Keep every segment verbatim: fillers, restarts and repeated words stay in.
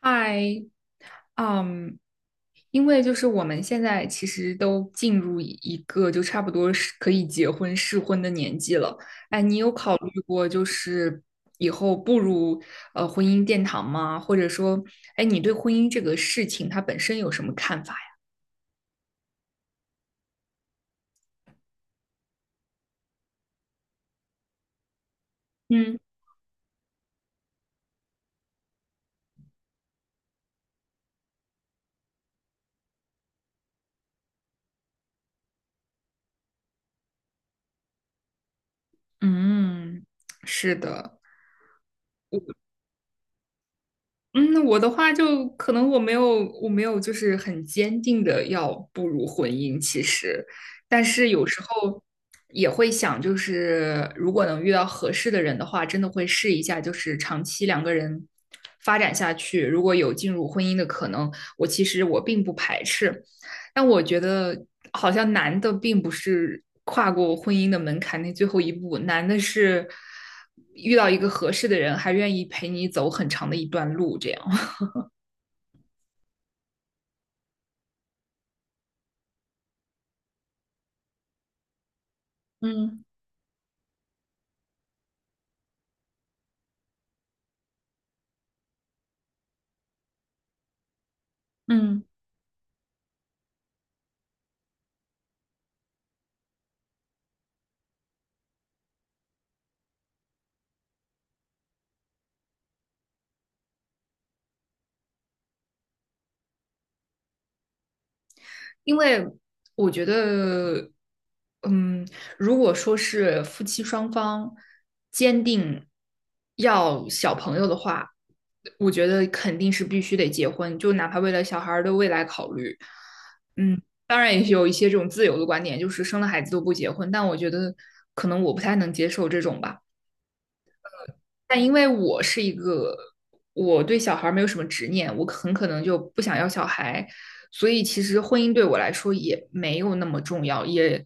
嗨，嗯，因为就是我们现在其实都进入一一个就差不多是可以结婚适婚的年纪了。哎，你有考虑过就是以后步入呃婚姻殿堂吗？或者说，哎，你对婚姻这个事情它本身有什么看法呀？嗯嗯，是的。嗯，我的话就可能我没有，我没有就是很坚定的要步入婚姻，其实，但是有时候也会想，就是如果能遇到合适的人的话，真的会试一下，就是长期两个人发展下去，如果有进入婚姻的可能，我其实我并不排斥，但我觉得好像难的并不是跨过婚姻的门槛那最后一步，难的是遇到一个合适的人，还愿意陪你走很长的一段路，这样。嗯嗯，因为我觉得，嗯，如果说是夫妻双方坚定要小朋友的话，我觉得肯定是必须得结婚，就哪怕为了小孩儿的未来考虑。嗯，当然也有一些这种自由的观点，就是生了孩子都不结婚，但我觉得可能我不太能接受这种吧。但因为我是一个，我对小孩没有什么执念，我很可能就不想要小孩，所以其实婚姻对我来说也没有那么重要，也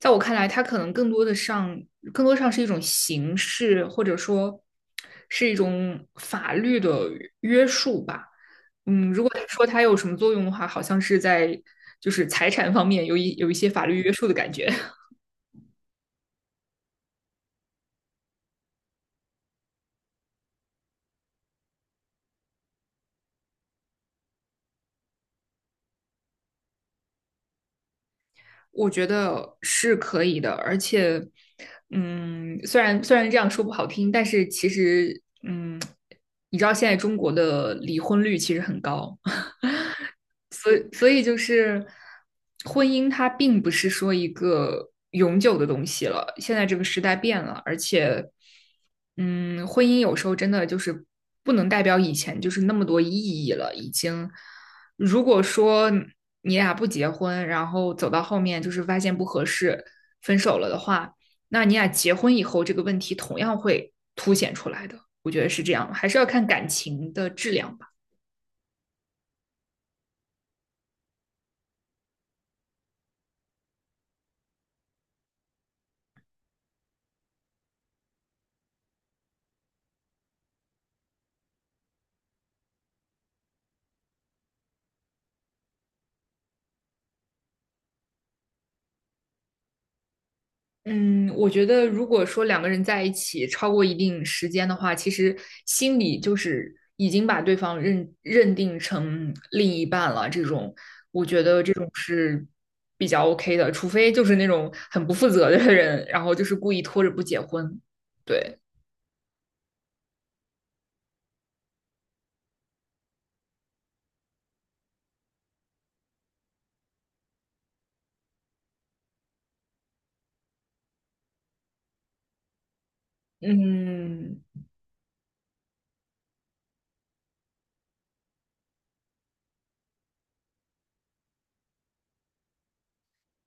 在我看来，它可能更多的上，更多上是一种形式，或者说是一种法律的约束吧。嗯，如果说它有什么作用的话，好像是在就是财产方面有一有一些法律约束的感觉。我觉得是可以的，而且，嗯，虽然虽然这样说不好听，但是其实，嗯，你知道现在中国的离婚率其实很高，所以，所以就是婚姻，它并不是说一个永久的东西了。现在这个时代变了，而且，嗯，婚姻有时候真的就是不能代表以前就是那么多意义了。已经，如果说你俩不结婚，然后走到后面就是发现不合适，分手了的话，那你俩结婚以后这个问题同样会凸显出来的。我觉得是这样，还是要看感情的质量吧。嗯，我觉得如果说两个人在一起超过一定时间的话，其实心里就是已经把对方认认定成另一半了。这种，我觉得这种是比较 OK 的，除非就是那种很不负责的人，然后就是故意拖着不结婚。对，嗯，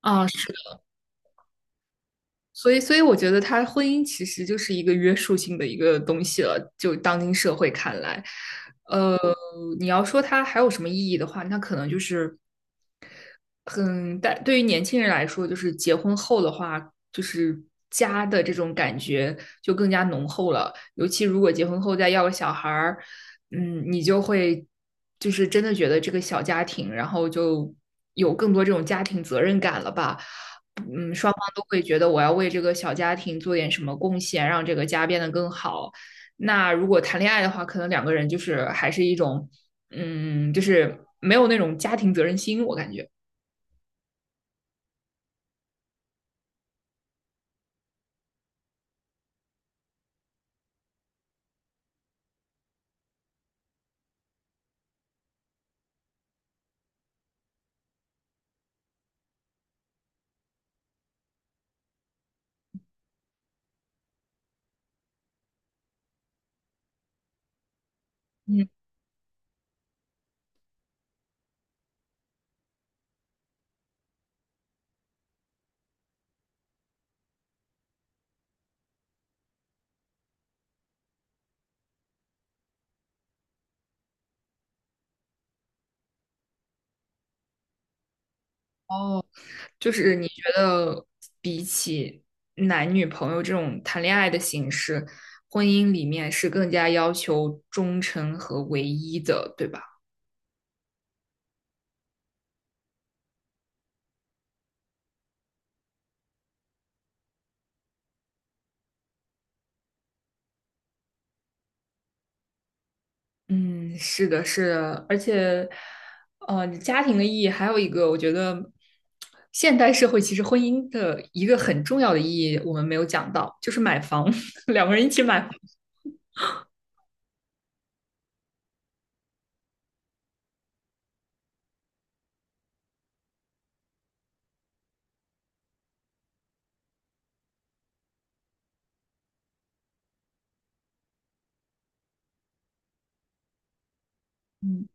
啊，是的，所以，所以我觉得他婚姻其实就是一个约束性的一个东西了，就当今社会看来。呃，你要说它还有什么意义的话，那可能就是很但对于年轻人来说，就是结婚后的话，就是家的这种感觉就更加浓厚了。尤其如果结婚后再要个小孩儿，嗯，你就会就是真的觉得这个小家庭，然后就有更多这种家庭责任感了吧。嗯，双方都会觉得我要为这个小家庭做点什么贡献，让这个家变得更好。那如果谈恋爱的话，可能两个人就是还是一种，嗯，就是没有那种家庭责任心，我感觉。嗯。哦，就是你觉得比起男女朋友这种谈恋爱的形式，婚姻里面是更加要求忠诚和唯一的，对吧？嗯，是的，是的，而且，呃，家庭的意义还有一个，我觉得现代社会其实婚姻的一个很重要的意义，我们没有讲到，就是买房，两个人一起买房。嗯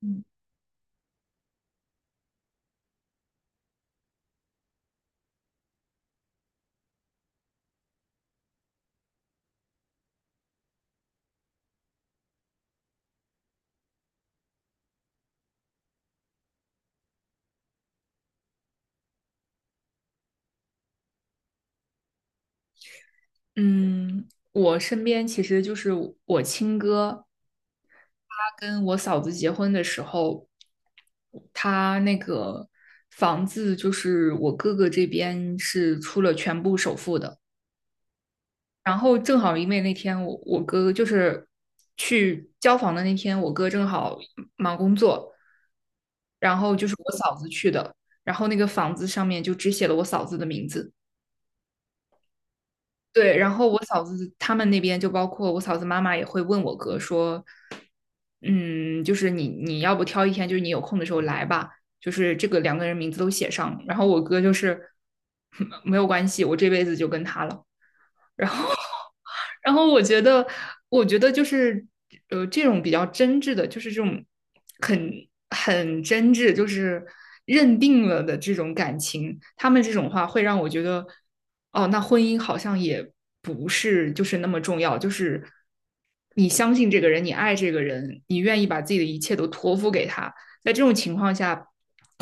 嗯，嗯我身边其实就是我亲哥。他跟我嫂子结婚的时候，他那个房子就是我哥哥这边是出了全部首付的，然后正好因为那天我我哥就是去交房的那天，我哥正好忙工作，然后就是我嫂子去的，然后那个房子上面就只写了我嫂子的名字。对，然后我嫂子他们那边就包括我嫂子妈妈也会问我哥说，嗯，就是你你要不挑一天，就是你有空的时候来吧，就是这个两个人名字都写上，然后我哥就是 没有关系，我这辈子就跟他了。然后，然后我觉得，我觉得就是，呃，这种比较真挚的，就是这种很很真挚，就是认定了的这种感情，他们这种话会让我觉得，哦，那婚姻好像也不是就是那么重要，就是你相信这个人，你爱这个人，你愿意把自己的一切都托付给他，在这种情况下，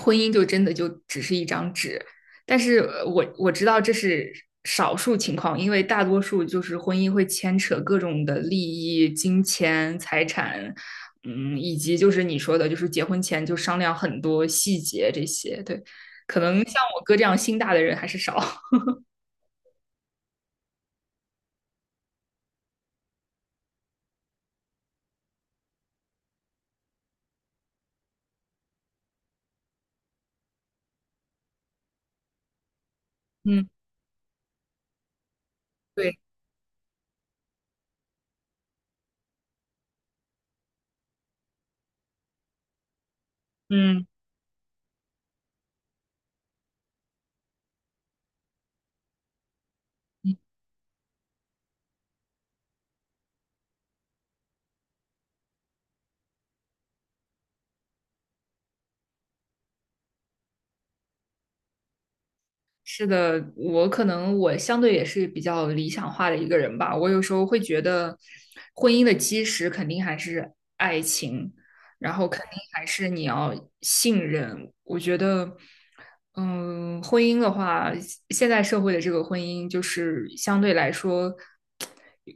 婚姻就真的就只是一张纸，但是呃我我知道这是少数情况，因为大多数就是婚姻会牵扯各种的利益、金钱、财产，嗯，以及就是你说的，就是结婚前就商量很多细节这些。对，可能像我哥这样心大的人还是少。嗯，对，嗯。是的，我可能我相对也是比较理想化的一个人吧。我有时候会觉得，婚姻的基石肯定还是爱情，然后肯定还是你要信任。我觉得，嗯，婚姻的话，现在社会的这个婚姻就是相对来说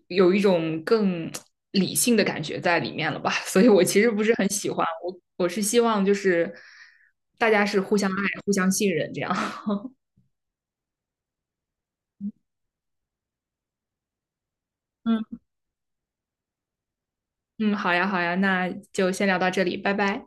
有一种更理性的感觉在里面了吧。所以我其实不是很喜欢，我我是希望就是大家是互相爱、互相信任这样。嗯。嗯，好呀，好呀，那就先聊到这里，拜拜。